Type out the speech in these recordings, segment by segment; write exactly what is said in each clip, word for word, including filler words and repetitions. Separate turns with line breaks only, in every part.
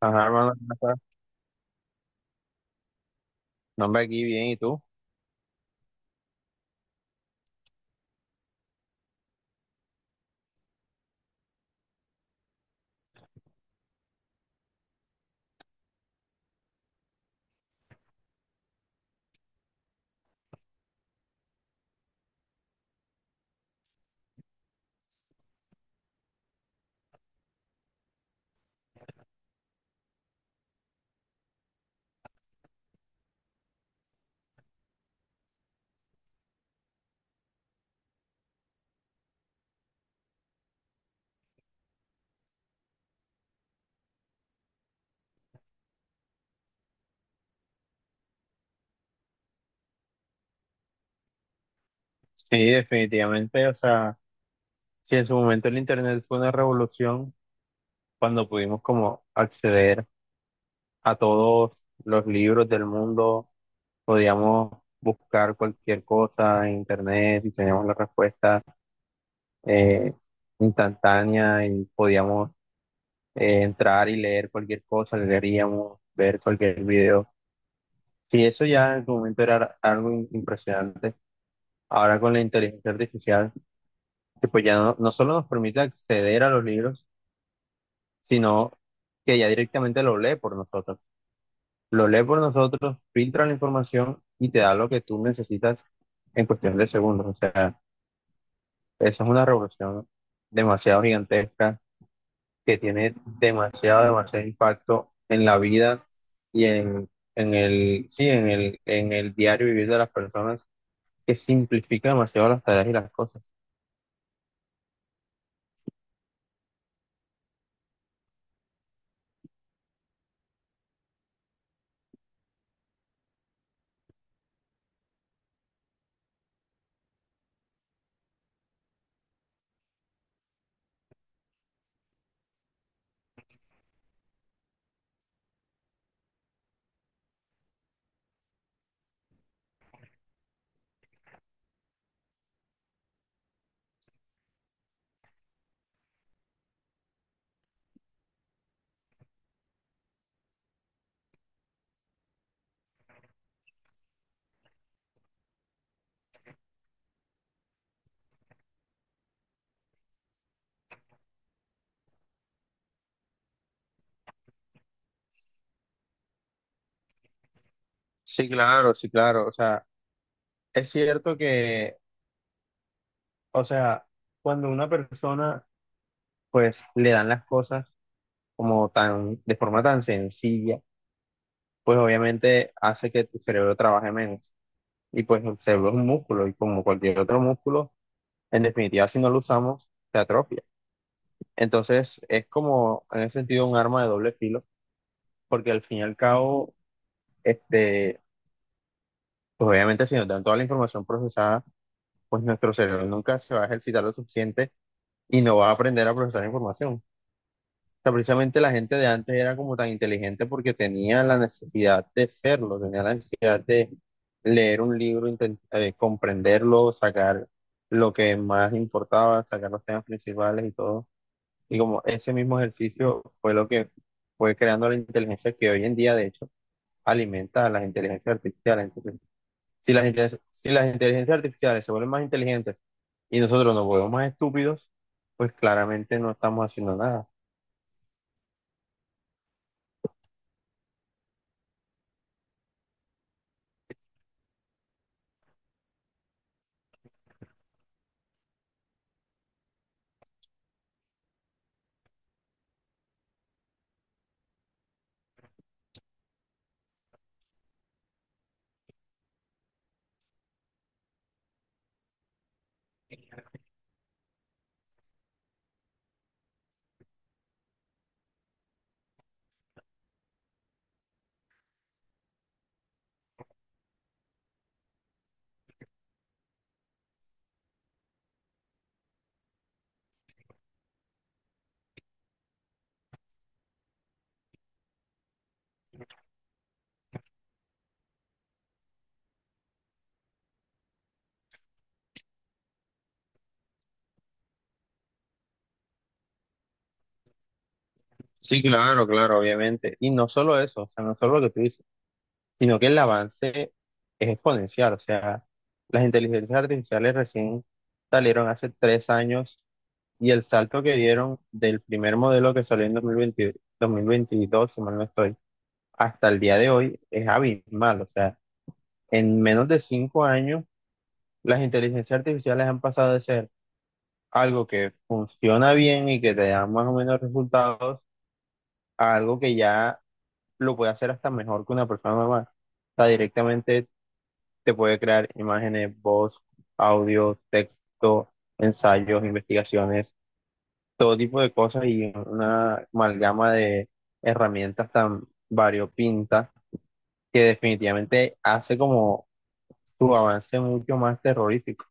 Ajá, hermano, ¿cómo no, hombre, aquí bien, ¿y tú? Sí, definitivamente, o sea, si en su momento el Internet fue una revolución, cuando pudimos como acceder a todos los libros del mundo, podíamos buscar cualquier cosa en Internet y teníamos la respuesta eh, instantánea y podíamos eh, entrar y leer cualquier cosa, leeríamos, ver cualquier video. Sí, eso ya en su momento era algo impresionante. Ahora con la inteligencia artificial. que pues ya no, no solo nos permite acceder a los libros, sino que ya directamente lo lee por nosotros. Lo lee por nosotros, filtra la información y te da lo que tú necesitas en cuestión de segundos. O sea, esa es una revolución demasiado gigantesca que tiene demasiado, demasiado impacto en la vida y en, en el, sí, en el, en el diario vivir de las personas, que simplifica demasiado las tareas y las cosas. Sí, claro, sí, claro. O sea, es cierto que O sea, cuando una persona pues le dan las cosas como tan, de forma tan sencilla, pues obviamente hace que tu cerebro trabaje menos. Y pues el cerebro es un músculo y como cualquier otro músculo, en definitiva si no lo usamos, se atrofia. Entonces es como en ese sentido un arma de doble filo, porque al fin y al cabo, este, pues obviamente si nos dan toda la información procesada, pues nuestro cerebro nunca se va a ejercitar lo suficiente y no va a aprender a procesar información. Sea, precisamente la gente de antes era como tan inteligente porque tenía la necesidad de serlo, tenía la necesidad de leer un libro, inten- eh, comprenderlo, sacar lo que más importaba, sacar los temas principales y todo. Y como ese mismo ejercicio fue lo que fue creando la inteligencia que hoy en día, de hecho, alimenta a las inteligencias artificiales. Entonces, si las, inte- si las inteligencias artificiales se vuelven más inteligentes y nosotros nos volvemos más estúpidos, pues claramente no estamos haciendo nada. Sí, claro, claro, obviamente. Y no solo eso, o sea, no solo lo que tú dices, sino que el avance es exponencial. O sea, las inteligencias artificiales recién salieron hace tres años y el salto que dieron del primer modelo que salió en dos mil veinte dos mil veintidós, si mal no estoy, hasta el día de hoy es abismal. O sea, en menos de cinco años, las inteligencias artificiales han pasado de ser algo que funciona bien y que te da más o menos resultados a algo que ya lo puede hacer hasta mejor que una persona normal. O sea, directamente te puede crear imágenes, voz, audio, texto, ensayos, investigaciones, todo tipo de cosas y una amalgama de herramientas tan variopintas que definitivamente hace como tu avance mucho más terrorífico.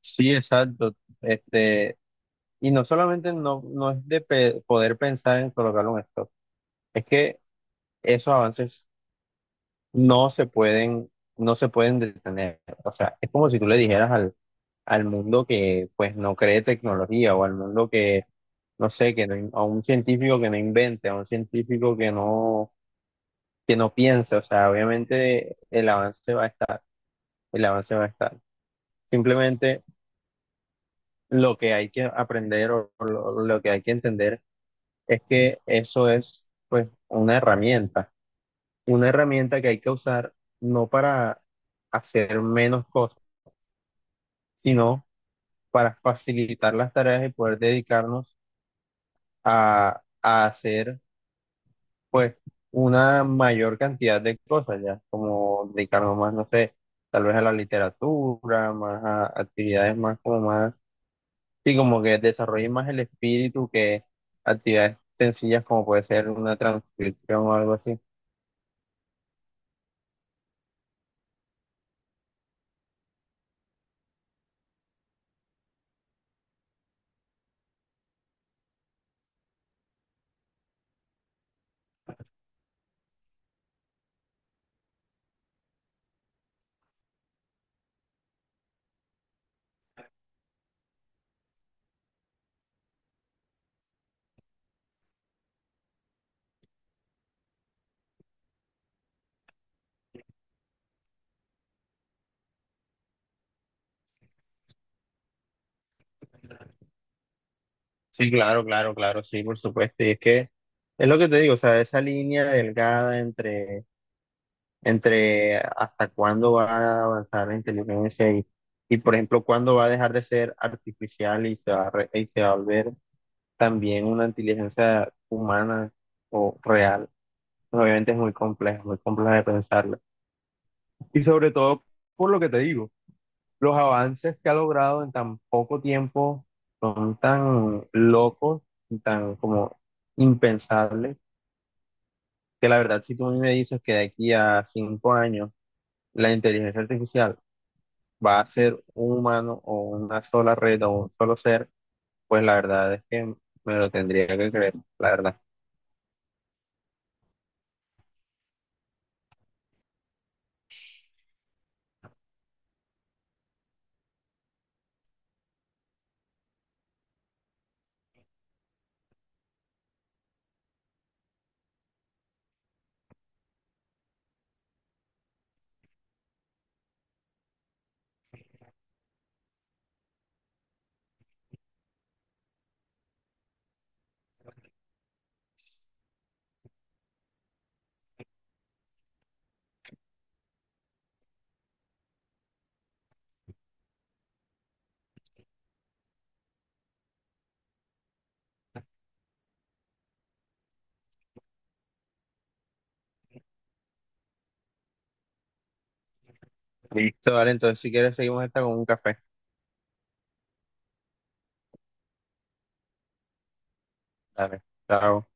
Sí, exacto. Este, y no solamente no, no es de pe- poder pensar en colocarlo en esto, es que esos avances no se pueden, no se pueden detener. O sea, es como si tú le dijeras al, al mundo que pues no cree tecnología o al mundo que, no sé, que no in- a un científico que no invente, a un científico que no, que no piense. O sea, obviamente el avance va a estar, el avance va a estar. Simplemente lo que hay que aprender o lo, lo que hay que entender es que eso es pues una herramienta, una herramienta que hay que usar no para hacer menos cosas sino para facilitar las tareas y poder dedicarnos a, a hacer pues una mayor cantidad de cosas ya, como dedicarnos más, no sé, tal vez a la literatura, más a actividades más como más, sí, como que desarrollen más el espíritu que actividades sencillas como puede ser una transcripción o algo así. Sí, claro, claro, claro, sí, por supuesto. Y es que es lo que te digo, o sea, esa línea delgada entre entre hasta cuándo va a avanzar la inteligencia y, y, por ejemplo, cuándo va a dejar de ser artificial y se va a, re- y se va a volver también una inteligencia humana o real. Obviamente es muy complejo, muy complejo de pensarlo. Y sobre todo, por lo que te digo, los avances que ha logrado en tan poco tiempo son tan locos y tan como impensables que la verdad, si tú a mí me dices que de aquí a cinco años, la inteligencia artificial va a ser un humano o una sola red o un solo ser, pues la verdad es que me lo tendría que creer, la verdad. Listo, vale, entonces si quieres seguimos esta con un café. Dale, chao.